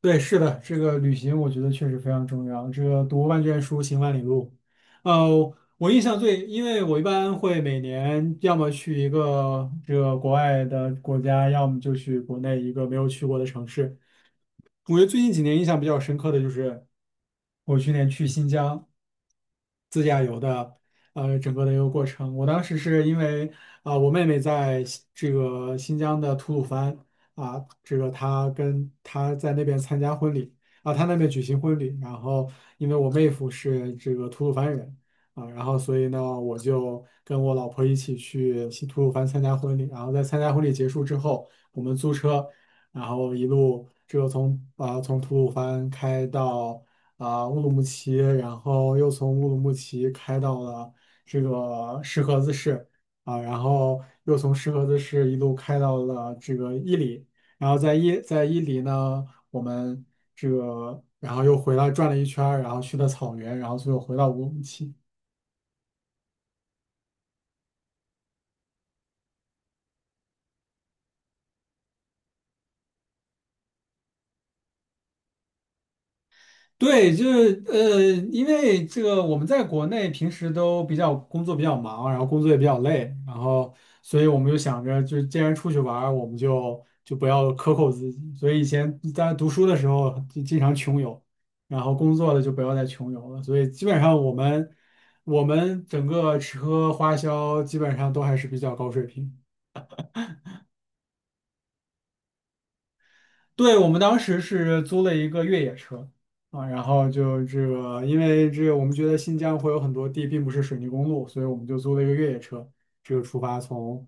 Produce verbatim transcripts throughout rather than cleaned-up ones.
对，是的，这个旅行我觉得确实非常重要。这个读万卷书，行万里路。呃，我印象最，因为我一般会每年要么去一个这个国外的国家，要么就去国内一个没有去过的城市。我觉得最近几年印象比较深刻的就是我去年去新疆自驾游的，呃，整个的一个过程。我当时是因为啊、我妹妹在新这个新疆的吐鲁番，啊，这个她跟她在那边参加婚礼，啊，她那边举行婚礼，然后因为我妹夫是这个吐鲁番人，啊，然后所以呢，我就跟我老婆一起去新吐鲁番参加婚礼，然后在参加婚礼结束之后，我们租车。然后一路这个从啊、呃从吐鲁番开到啊、乌鲁木齐，然后又从乌鲁木齐开到了这个石河子市，啊、然后又从石河子市一路开到了这个伊犁，然后在伊在伊犁呢，我们这个然后又回来转了一圈儿，然后去的草原，然后最后回到乌鲁木齐。对，就是呃，因为这个我们在国内平时都比较工作比较忙，然后工作也比较累，然后所以我们就想着，就是既然出去玩儿，我们就就不要克扣自己。所以以前在读书的时候就经常穷游，然后工作了就不要再穷游了。所以基本上我们我们整个吃喝花销基本上都还是比较高水平。对，我们当时是租了一个越野车，啊，然后就这个，因为这个我们觉得新疆会有很多地并不是水泥公路，所以我们就租了一个越野车，这个出发从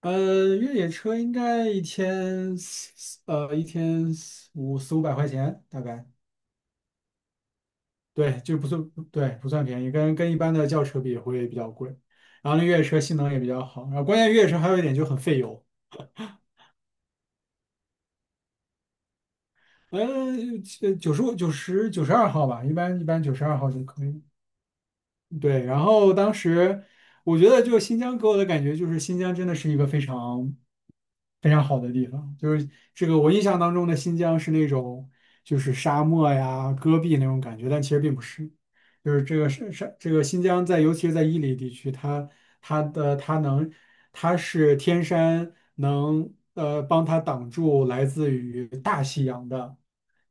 呃越野车应该一天四呃一天四五四五百块钱大概，对，就不算对不算便宜，跟跟一般的轿车比会比较贵，然后那越野车性能也比较好，然后关键越野车还有一点就很费油，呃呃九十五九十九十二号吧，一般一般九十二号就可以。对，然后当时我觉得就新疆给我的感觉就是新疆真的是一个非常非常好的地方，就是这个我印象当中的新疆是那种就是沙漠呀、戈壁那种感觉，但其实并不是，就是这个是是这个新疆在尤其是在伊犁地区，它它的它能它是天山能呃帮它挡住来自于大西洋的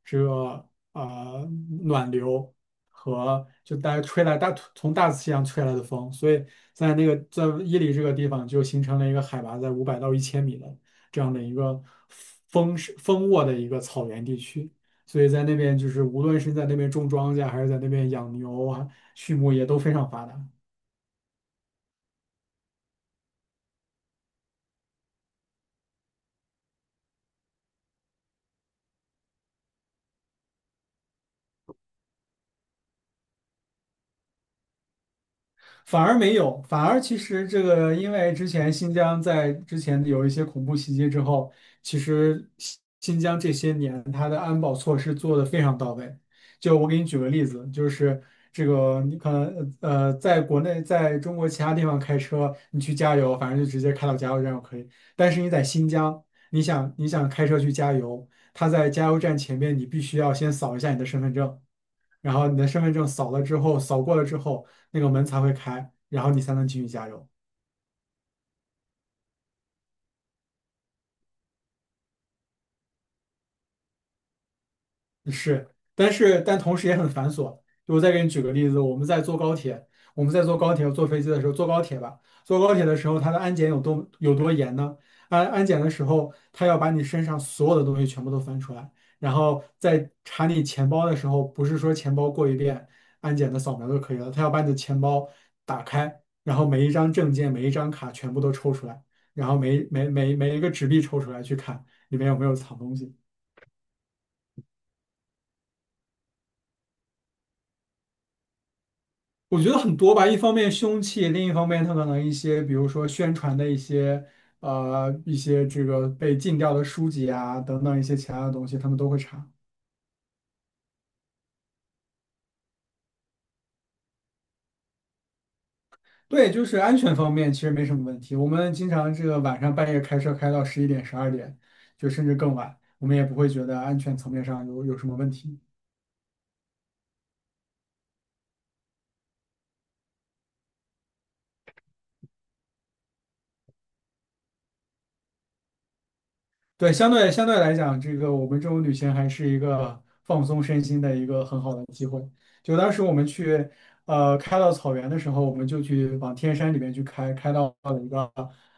这个呃暖流和就大家吹来大从大西洋吹来的风，所以在那个在伊犁这个地方就形成了一个海拔在五百到一千米的，这样的一个丰盛丰沃的一个草原地区。所以在那边就是无论是在那边种庄稼，还是在那边养牛啊、畜牧业都非常发达。反而没有，反而其实这个，因为之前新疆在之前有一些恐怖袭击之后，其实新新疆这些年它的安保措施做得非常到位。就我给你举个例子，就是这个你可能呃，在国内，在中国其他地方开车，你去加油，反正就直接开到加油站就可以。但是你在新疆，你想你想开车去加油，他在加油站前面，你必须要先扫一下你的身份证。然后你的身份证扫了之后，扫过了之后，那个门才会开，然后你才能继续加油。是，但是但同时也很繁琐。就我再给你举个例子，我们在坐高铁，我们在坐高铁坐飞机的时候，坐高铁吧，坐高铁的时候，它的安检有多有多严呢？安安检的时候，他要把你身上所有的东西全部都翻出来，然后在查你钱包的时候，不是说钱包过一遍安检的扫描就可以了，他要把你的钱包打开，然后每一张证件、每一张卡全部都抽出来，然后每每每每一个纸币抽出来去看里面有没有藏东西。我觉得很多吧，一方面凶器，另一方面他可能一些，比如说宣传的一些，呃，一些这个被禁掉的书籍啊，等等一些其他的东西，他们都会查。对，就是安全方面其实没什么问题。我们经常这个晚上半夜开车开到十一点、十二点，就甚至更晚，我们也不会觉得安全层面上有有什么问题。对，相对相对来讲，这个我们这种旅行还是一个放松身心的一个很好的机会。就当时我们去，呃，开到草原的时候，我们就去往天山里面去开，开到了一个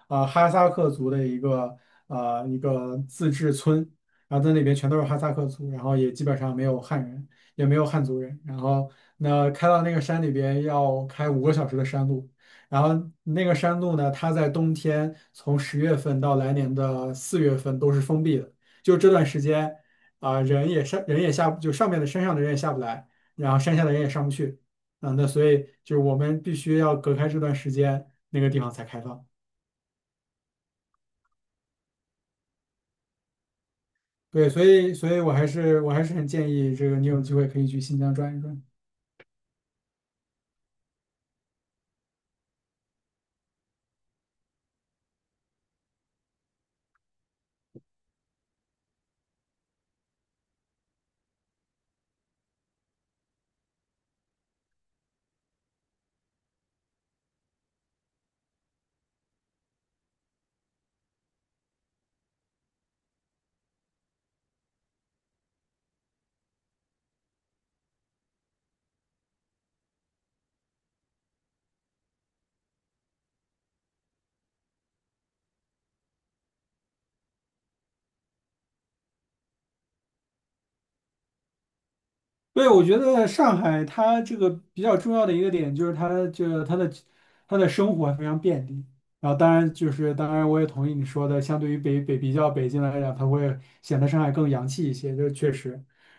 呃哈萨克族的一个呃一个自治村，然后在那边全都是哈萨克族，然后也基本上没有汉人，也没有汉族人。然后那开到那个山里边要开五个小时的山路，然后那个山路呢，它在冬天从十月份到来年的四月份都是封闭的，就这段时间啊、人也上人也下不就上面的山上的人也下不来，然后山下的人也上不去。啊，那所以就是我们必须要隔开这段时间，那个地方才开放。对，所以所以我还是我还是很建议这个你有机会可以去新疆转一转。对，我觉得上海它这个比较重要的一个点就是它这个它的它的生活非常便利。然后当然就是当然我也同意你说的，相对于北北比较北京来讲，它会显得上海更洋气一些，这确实。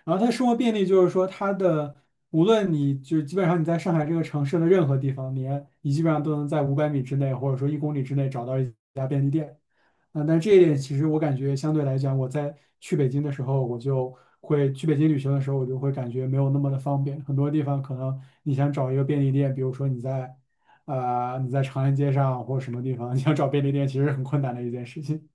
然后它生活便利就是说它的无论你就基本上你在上海这个城市的任何地方，你你基本上都能在五百米之内或者说一公里之内找到一家便利店。啊，但这一点其实我感觉相对来讲，我在去北京的时候，我就会去北京旅行的时候，我就会感觉没有那么的方便。很多地方可能你想找一个便利店，比如说你在，呃，你在长安街上或者什么地方，你想找便利店，其实很困难的一件事情。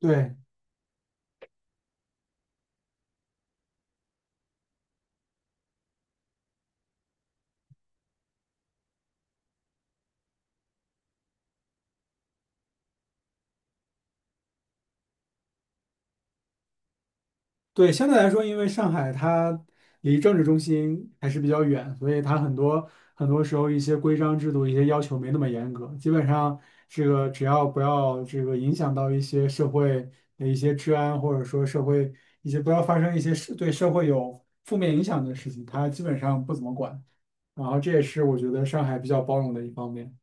对，对，相对来说，因为上海它离政治中心还是比较远，所以它很多很多时候一些规章制度、一些要求没那么严格。基本上，这个只要不要这个影响到一些社会的一些治安，或者说社会一些不要发生一些是对社会有负面影响的事情，它基本上不怎么管。然后这也是我觉得上海比较包容的一方面。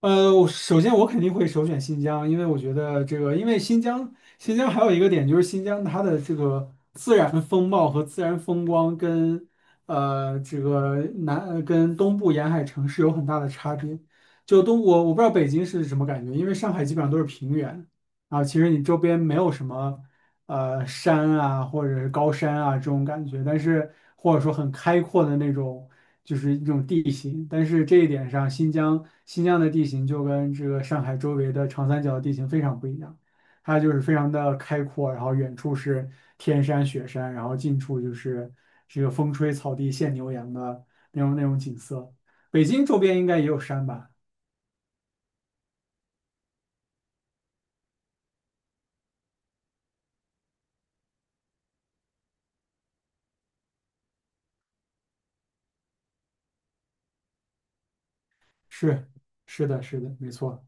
呃，我首先我肯定会首选新疆，因为我觉得这个，因为新疆，新疆还有一个点就是新疆它的这个自然风貌和自然风光跟呃这个南跟东部沿海城市有很大的差别。就东我我不知道北京是什么感觉，因为上海基本上都是平原啊，其实你周边没有什么，呃山啊，或者是高山啊这种感觉，但是或者说很开阔的那种，就是一种地形。但是这一点上，新疆新疆的地形就跟这个上海周围的长三角的地形非常不一样，它就是非常的开阔，然后远处是天山雪山，然后近处就是这个风吹草低见牛羊的那种那种景色。北京周边应该也有山吧？是是的，是的，没错。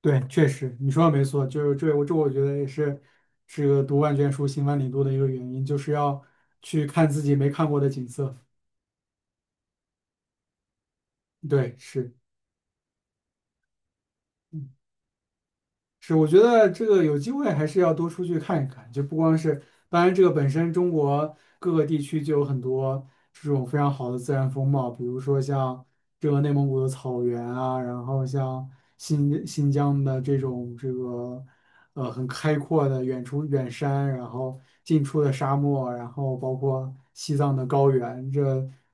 对，确实你说的没错，就是这我这我觉得也是这个读万卷书行万里路的一个原因，就是要去看自己没看过的景色。对，是。是，我觉得这个有机会还是要多出去看一看，就不光是，当然这个本身中国各个地区就有很多这种非常好的自然风貌，比如说像这个内蒙古的草原啊，然后像新新疆的这种这个呃很开阔的远处远山，然后近处的沙漠，然后包括西藏的高原，这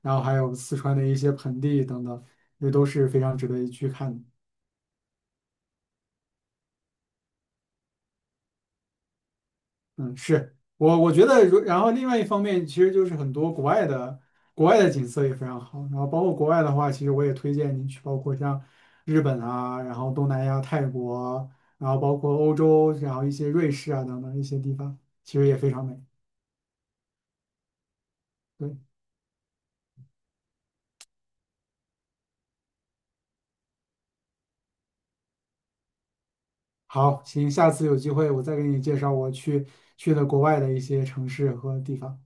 然后还有四川的一些盆地等等，这都是非常值得一去看的。嗯，是我我觉得如，然后另外一方面，其实就是很多国外的国外的景色也非常好，然后包括国外的话，其实我也推荐你去，包括像日本啊，然后东南亚、泰国，然后包括欧洲，然后一些瑞士啊等等一些地方，其实也非常美。对，好，行，下次有机会我再给你介绍我去去的国外的一些城市和地方。